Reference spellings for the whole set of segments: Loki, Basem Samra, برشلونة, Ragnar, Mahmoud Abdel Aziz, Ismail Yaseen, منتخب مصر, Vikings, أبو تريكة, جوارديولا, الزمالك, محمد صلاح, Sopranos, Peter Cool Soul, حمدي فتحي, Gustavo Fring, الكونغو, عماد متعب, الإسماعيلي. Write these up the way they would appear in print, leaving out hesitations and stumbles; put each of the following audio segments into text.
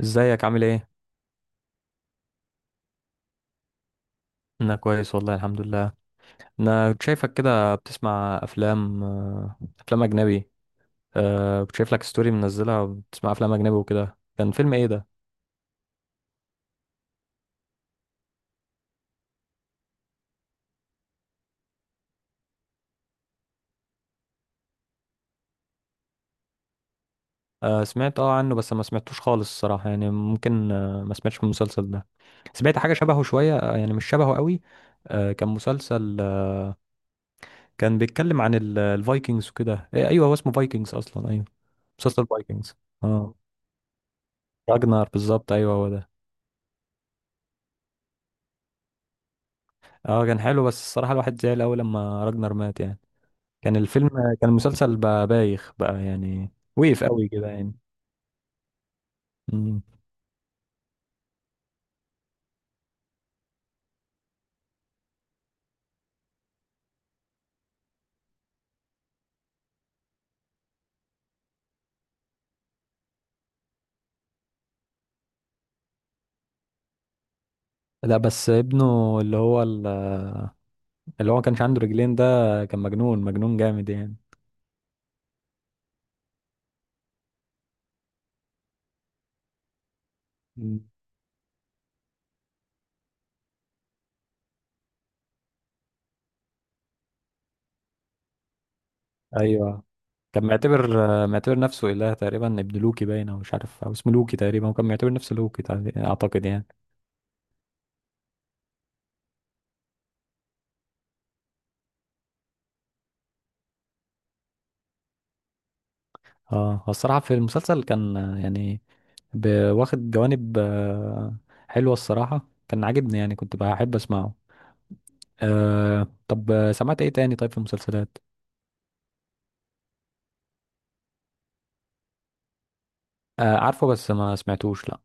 ازيك عامل ايه؟ انا كويس والله الحمد لله. انا كنت شايفك كده بتسمع افلام افلام اجنبي. أه كنت شايف لك ستوري منزلها بتسمع افلام اجنبي وكده، كان فيلم ايه ده؟ أه سمعت اه عنه بس ما سمعتوش خالص الصراحة، يعني ممكن أه ما سمعتش من المسلسل ده. سمعت حاجة شبهه شوية، يعني مش شبهه قوي. أه كان مسلسل كان بيتكلم عن الفايكنجز وكده، إيه، ايوه هو اسمه فايكنجز اصلا، ايوه مسلسل فايكنجز. اه راجنر بالظبط، ايوه هو ده. اه كان حلو بس الصراحة الواحد زعل أوي لما راجنر مات يعني. كان الفيلم، كان المسلسل بقى بايخ بقى يعني، وقف أوي كده يعني. مم. لا بس ابنه اللي هو ما كانش عنده رجلين ده، كان مجنون، مجنون جامد يعني. مم. ايوه كان معتبر، معتبر نفسه إله تقريبا، ابن لوكي باين او مش عارف، او اسمه لوكي تقريبا، وكان معتبر نفسه لوكي اعتقد يعني. اه هو الصراحة في المسلسل كان، يعني واخد جوانب حلوة الصراحة، كان عاجبني يعني كنت بحب اسمعه. أه طب سمعت ايه تاني طيب في المسلسلات؟ أه عارفه بس ما سمعتوش لا.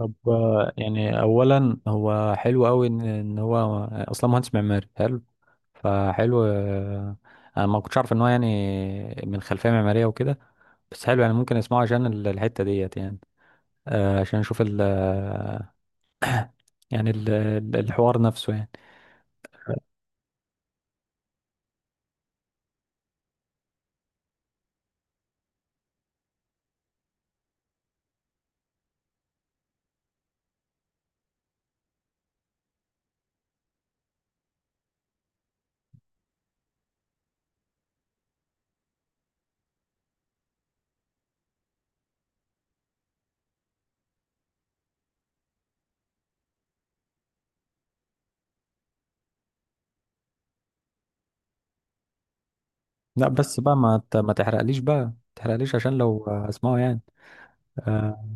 طب يعني اولا هو حلو قوي ان إن هو اصلا مهندس معماري حلو، فحلو انا ما كنتش عارف ان هو يعني من خلفيه معماريه وكده. بس حلو يعني ممكن اسمعه عشان الحته ديت يعني. أه عشان اشوف ال يعني الحوار نفسه يعني. لا بس بقى ما تحرقليش بقى، ما تحرقليش عشان لو هسمعه يعني. آه،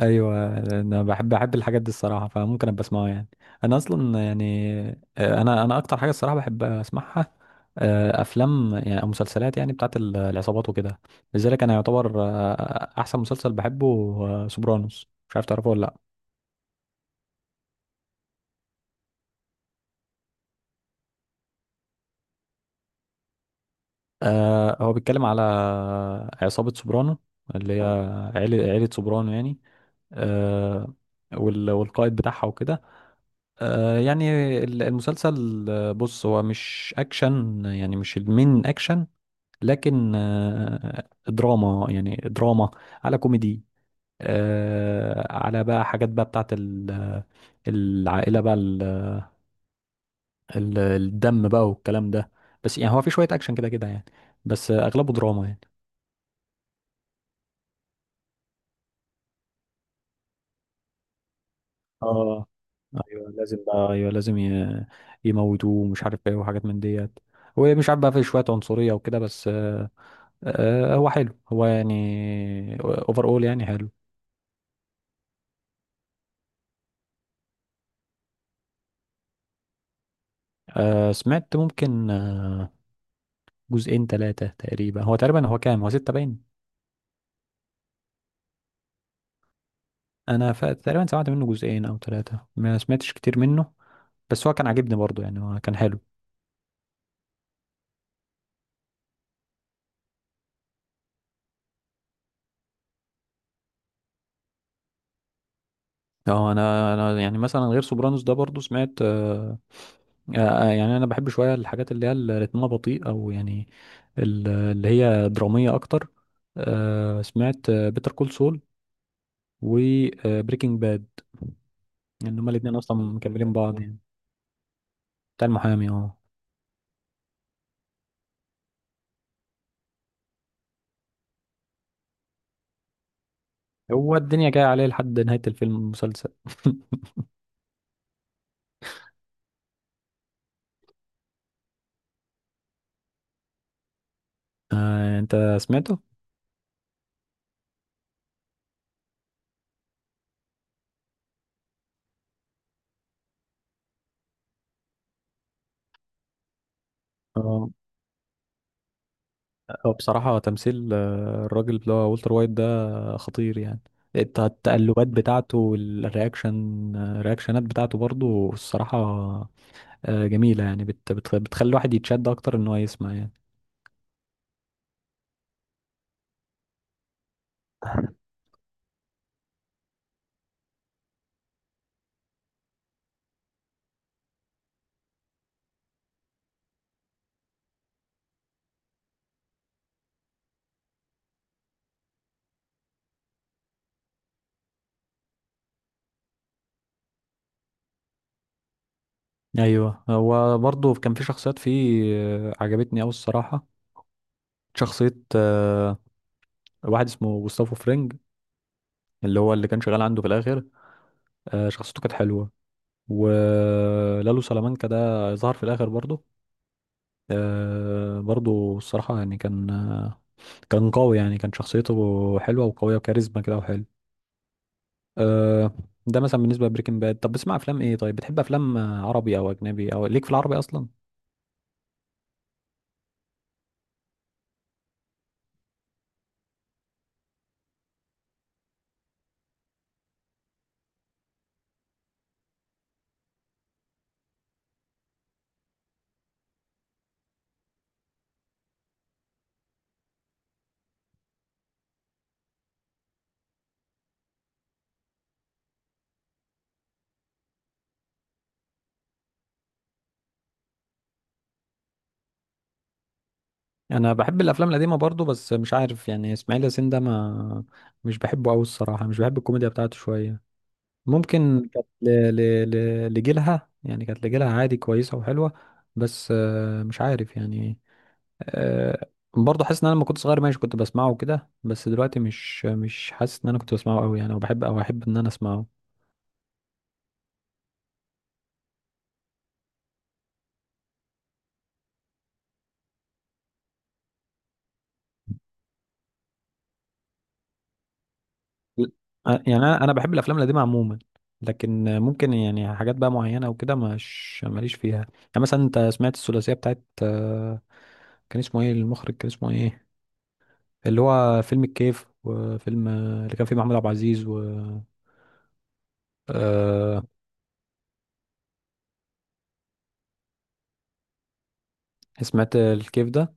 ايوه انا بحب الحاجات دي الصراحه، فممكن ابقى اسمعها يعني. انا اصلا يعني، انا اكتر حاجه الصراحه بحب اسمعها، افلام يعني او مسلسلات يعني بتاعت العصابات وكده. لذلك انا يعتبر احسن مسلسل بحبه، سوبرانوس، مش عارف تعرفه ولا لا. هو بيتكلم على عصابه سوبرانو، اللي هي عيله، عيله سوبرانو يعني، آه، والقائد بتاعها وكده. يعني المسلسل بص هو مش اكشن يعني، مش المين اكشن، لكن دراما يعني، دراما على كوميدي، على بقى حاجات بقى بتاعت العائلة بقى، الدم بقى والكلام ده. بس يعني هو في شوية اكشن كده كده يعني، بس اغلبه دراما يعني. اه ايوه لازم بقى، ايوه لازم يموتوه ومش عارف ايه وحاجات من ديت، ومش عارف بقى في شوية عنصرية وكده، بس هو حلو، هو يعني اوفر اول يعني حلو. سمعت ممكن جزئين ثلاثة تقريبا، هو تقريبا هو كام، هو ستة باين. انا ف... تقريبا سمعت منه جزئين او ثلاثة، ما سمعتش كتير منه، بس هو كان عاجبني برضه يعني، هو كان حلو. اه انا يعني مثلا غير سوبرانوس ده برضه سمعت، يعني انا بحب شويه الحاجات اللي هي اللي رتمها بطيء او يعني اللي هي دراميه اكتر. سمعت بيتر كول سول وبريكنج باد، يعني هما الاتنين اصلا مكملين بعض يعني، بتاع المحامي اه. هو الدنيا جايه عليه لحد نهايه الفيلم المسلسل. آه انت سمعته. اه هو بصراحه تمثيل الراجل اللي هو والتر وايت ده خطير يعني. التقلبات بتاعته والرياكشن، الرياكشنات بتاعته برضو الصراحه جميله يعني، بت بت بتخلي الواحد يتشد اكتر ان هو يسمع يعني. ايوه هو برضو كان في شخصيات فيه عجبتني اوي الصراحه. شخصيه واحد اسمه جوستافو فرينج، اللي كان شغال عنده في الاخر، شخصيته كانت حلوه. ولالو سلامانكا ده ظهر في الاخر برضه، برضه الصراحه يعني كان كان قوي يعني، كان شخصيته حلوه وقويه وكاريزما كده وحلو. آه، ده مثلا بالنسبه لبريكنج باد. طب بتسمع افلام ايه؟ طيب بتحب افلام عربي او اجنبي، او ليك في العربي اصلا؟ انا بحب الافلام القديمه برضه، بس مش عارف يعني اسماعيل ياسين ده ما، مش بحبه قوي الصراحه، مش بحب الكوميديا بتاعته شويه. ممكن كانت لجيلها يعني كانت لجيلها عادي كويسة وحلوة، بس مش عارف يعني. آه، برضه حاسس ان انا لما كنت صغير ماشي كنت بسمعه وكده، بس دلوقتي مش حاسس ان انا كنت بسمعه قوي يعني وبحب او احب ان انا اسمعه. ل- يعني انا بحب الافلام القديمة عموما، لكن ممكن يعني حاجات بقى معينة وكده مش ماليش فيها يعني. مثلا انت سمعت الثلاثية بتاعت كان اسمه ايه المخرج، كان اسمه ايه، اللي هو فيلم الكيف وفيلم اللي كان فيه محمود عبد العزيز؟ أه سمعت الكيف ده.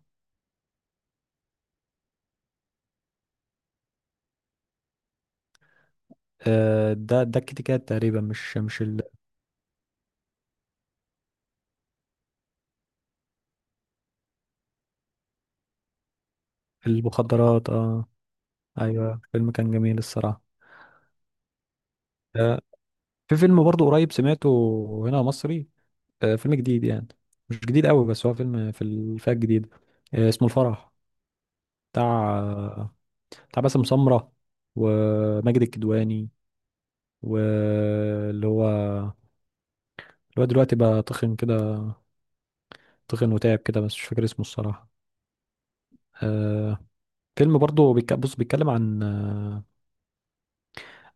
أه ده ده الكتكات تقريبا، مش مش ال-، المخدرات اه. ايوه فيلم كان جميل الصراحه. أه في فيلم برضو قريب سمعته، هنا مصري، أه فيلم جديد يعني، مش جديد قوي بس هو فيلم في الفئه الجديده. أه اسمه الفرح، بتاع، بتاع باسم سمره وماجد الكدواني، واللي هو اللي هو دلوقتي بقى تخن كده، تخن وتعب كده، بس مش فاكر اسمه الصراحه. أه فيلم برضه بص بيتكلم عن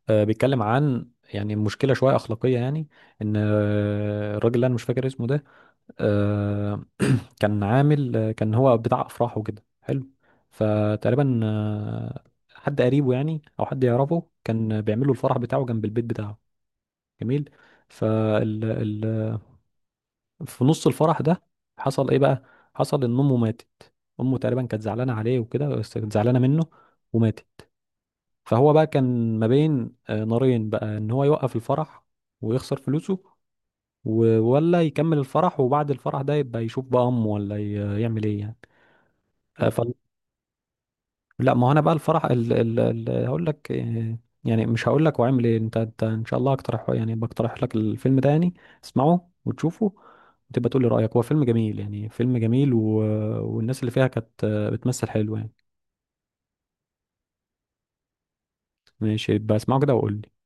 بيتكلم عن يعني مشكلة شوية أخلاقية يعني، إن الراجل اللي أنا مش فاكر اسمه ده آه، كان عامل كان هو بتاع أفراح وكده، حلو. فتقريبا حد قريبه يعني، أو حد يعرفه، كان بيعمل له الفرح بتاعه جنب البيت بتاعه، جميل. فال ال... في نص الفرح ده حصل إيه بقى؟ حصل إن أمه ماتت. أمه تقريبا كانت زعلانة عليه وكده، بس كانت زعلانة منه، وماتت. فهو بقى كان ما بين نارين بقى، ان هو يوقف الفرح ويخسر فلوسه، ولا يكمل الفرح وبعد الفرح ده يبقى يشوف بقى امه، ولا يعمل ايه يعني. آه، ف... لا ما هو انا بقى الفرح هقول لك يعني مش هقول لك، واعمل ايه انت، انت ان شاء الله اقترح يعني، بقترح لك الفيلم ده يعني، اسمعه وتشوفه وتبقى تقول لي رايك. هو فيلم جميل يعني، فيلم جميل، و... والناس اللي فيها كانت بتمثل حلو يعني. ماشي يبقى اسمعه كده وقول لي.